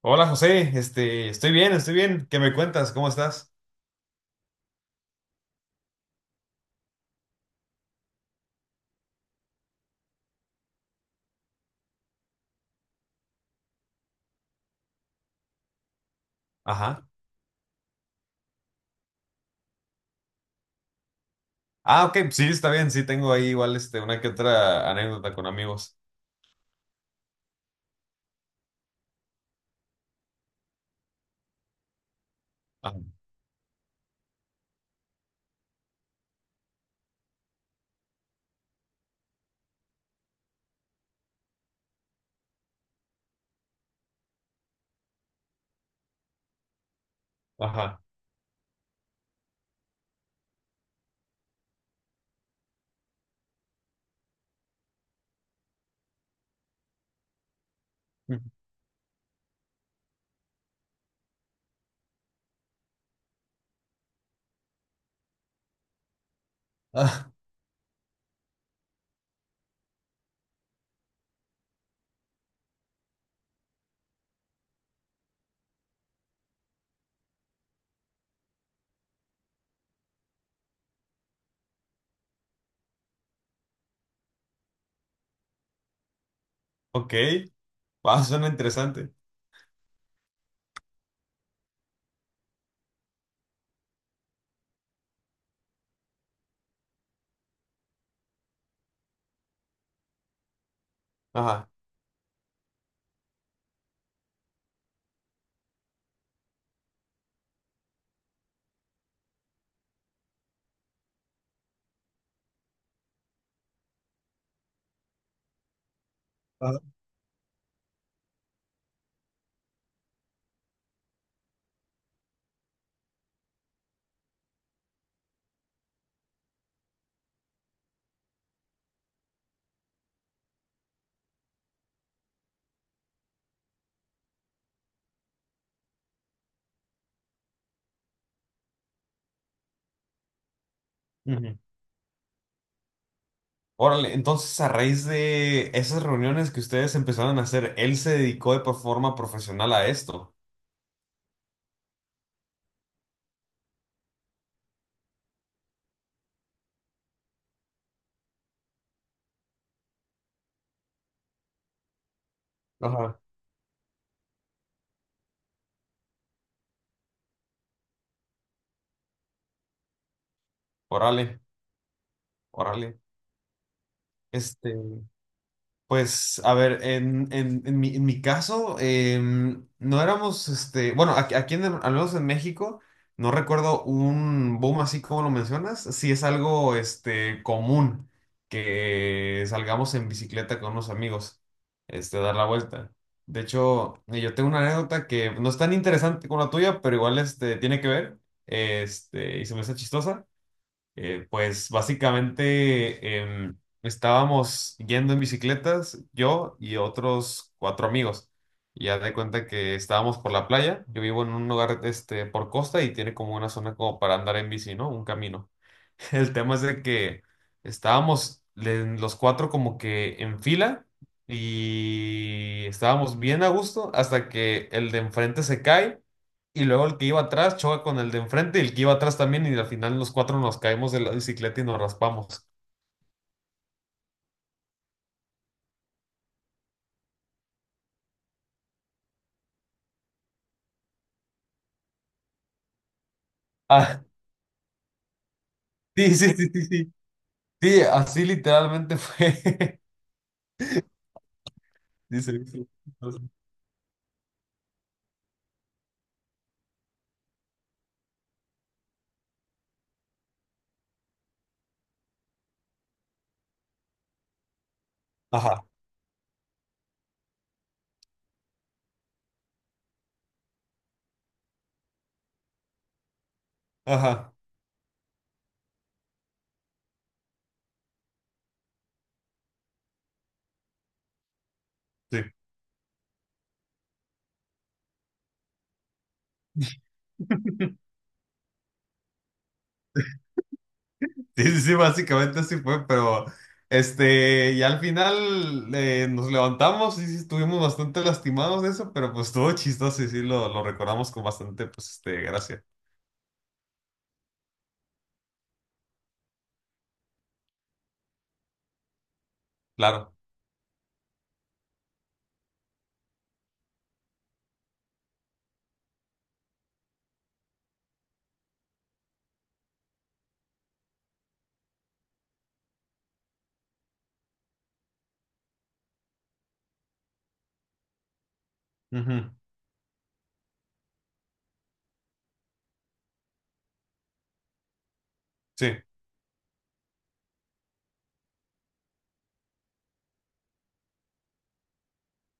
Hola José, estoy estoy bien. ¿Qué me cuentas? ¿Cómo estás? Ajá. Ah, ok, sí, está bien, sí, tengo ahí igual una que otra anécdota con amigos. Ajá. Ajá. Ah, ok, ah, suena interesante. Ajá. Ajá. Ujú. Órale, entonces a raíz de esas reuniones que ustedes empezaron a hacer, él se dedicó forma profesional a esto. Ajá. Órale, órale. Este. Pues, a ver, en mi caso, no éramos, bueno, al menos en México, no recuerdo un boom así como lo mencionas. Sí es algo, común que salgamos en bicicleta con unos amigos, a dar la vuelta. De hecho, yo tengo una anécdota que no es tan interesante como la tuya, pero igual, tiene que ver. Y se me hace chistosa. Pues básicamente estábamos yendo en bicicletas, yo y otros cuatro amigos. Y haz de cuenta que estábamos por la playa. Yo vivo en un lugar por costa y tiene como una zona como para andar en bici, ¿no? Un camino. El tema es de que estábamos los cuatro como que en fila y estábamos bien a gusto hasta que el de enfrente se cae y luego el que iba atrás choca con el de enfrente y el que iba atrás también y al final los cuatro nos caemos de la bicicleta y nos raspamos. Ah, sí, sí, sí, sí, sí. Sí, así literalmente fue. Dice. Ajá, ajá. Sí. Sí, sí, sí, básicamente así fue, pero y al final nos levantamos y sí, estuvimos bastante lastimados de eso, pero pues todo chistoso y sí lo recordamos con bastante, pues, gracia. Claro. Ujú. Sí.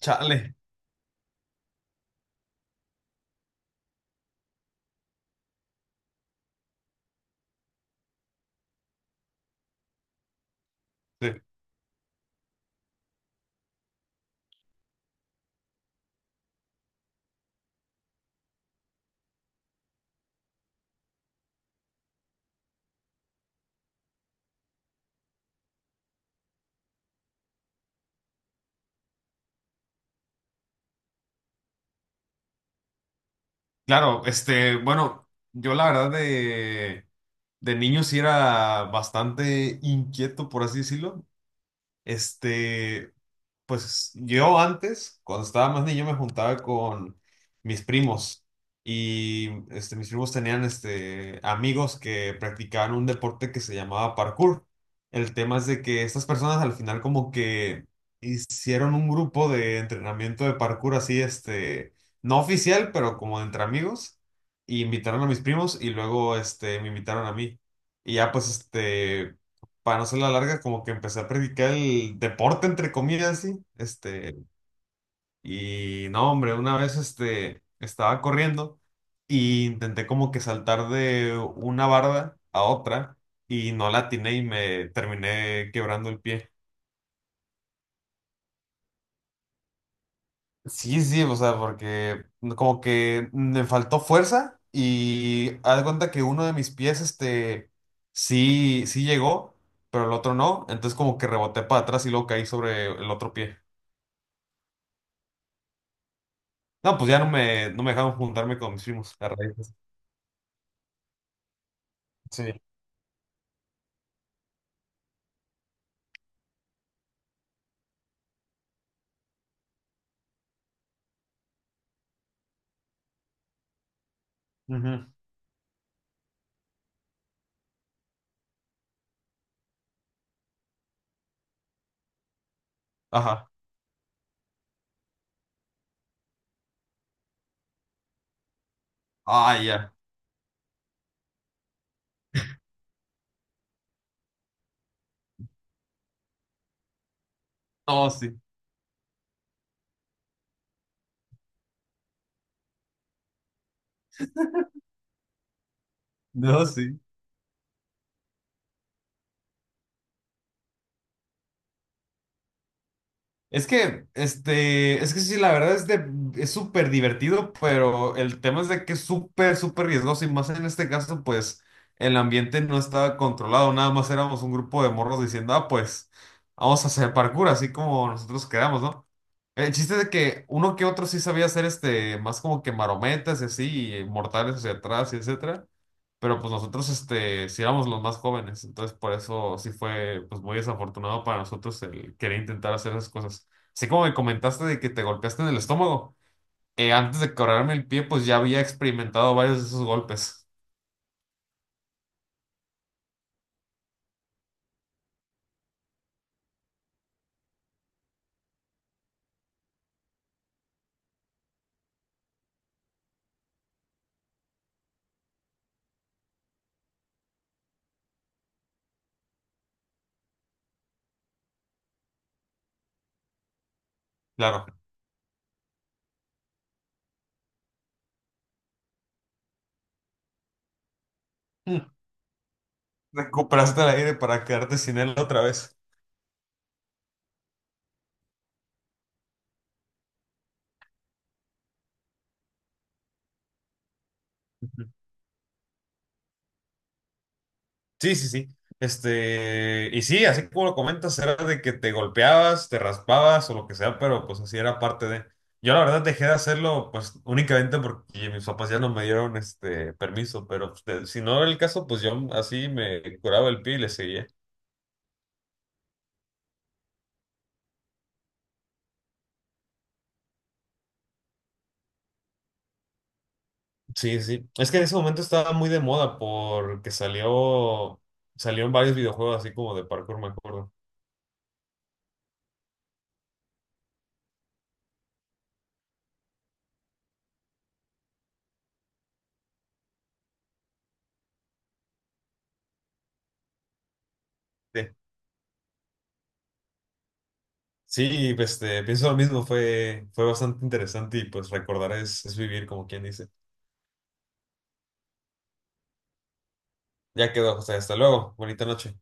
Chale. Sí. Claro, bueno, yo la verdad de niño sí era bastante inquieto, por así decirlo. Este, pues yo antes, cuando estaba más niño, me juntaba con mis primos y mis primos tenían amigos que practicaban un deporte que se llamaba parkour. El tema es de que estas personas al final como que hicieron un grupo de entrenamiento de parkour así, no oficial, pero como entre amigos, y invitaron a mis primos y luego me invitaron a mí. Y ya pues para no ser la larga, como que empecé a practicar el deporte, entre comillas, así, y no, hombre, una vez, estaba corriendo y intenté como que saltar de una barda a otra y no la atiné y me terminé quebrando el pie. Sí, sí, o sea, porque como que me faltó fuerza y haz de cuenta que uno de mis pies, sí, sí llegó, pero el otro no, entonces como que reboté para atrás y luego caí sobre el otro pie. No, pues ya no no me dejaron juntarme con mis primos a raíz de eso. Sí. Ujú. Ajá. Ah, ya. No, sí. No, sí. Es que, es que sí, la verdad es de: es súper divertido, pero el tema es de que es súper, súper riesgoso y más en este caso, pues, el ambiente no estaba controlado, nada más éramos un grupo de morros diciendo, ah, pues, vamos a hacer parkour, así como nosotros queramos, ¿no? El chiste de que uno que otro sí sabía hacer más como que marometas y así, y mortales hacia atrás y etcétera. Pero pues nosotros sí éramos los más jóvenes, entonces por eso sí fue pues muy desafortunado para nosotros el querer intentar hacer esas cosas. Así como me comentaste de que te golpeaste en el estómago, antes de quebrarme el pie pues ya había experimentado varios de esos golpes. Claro. Mm. Recuperaste el aire para quedarte sin él otra vez. Sí, sí, sí. Y sí, así como lo comentas, era de que te golpeabas, te raspabas o lo que sea, pero pues así era parte de. Yo la verdad dejé de hacerlo pues únicamente porque mis papás ya no me dieron este permiso, pero pues, si no era el caso, pues yo así me curaba el pie y le seguía. Sí, sí. Es que en ese momento estaba muy de moda porque salió en varios videojuegos así como de parkour, me acuerdo. Sí, Sí, pues, pienso lo mismo, fue bastante interesante y pues recordar es vivir, como quien dice. Ya quedó, José. Hasta luego. Bonita noche.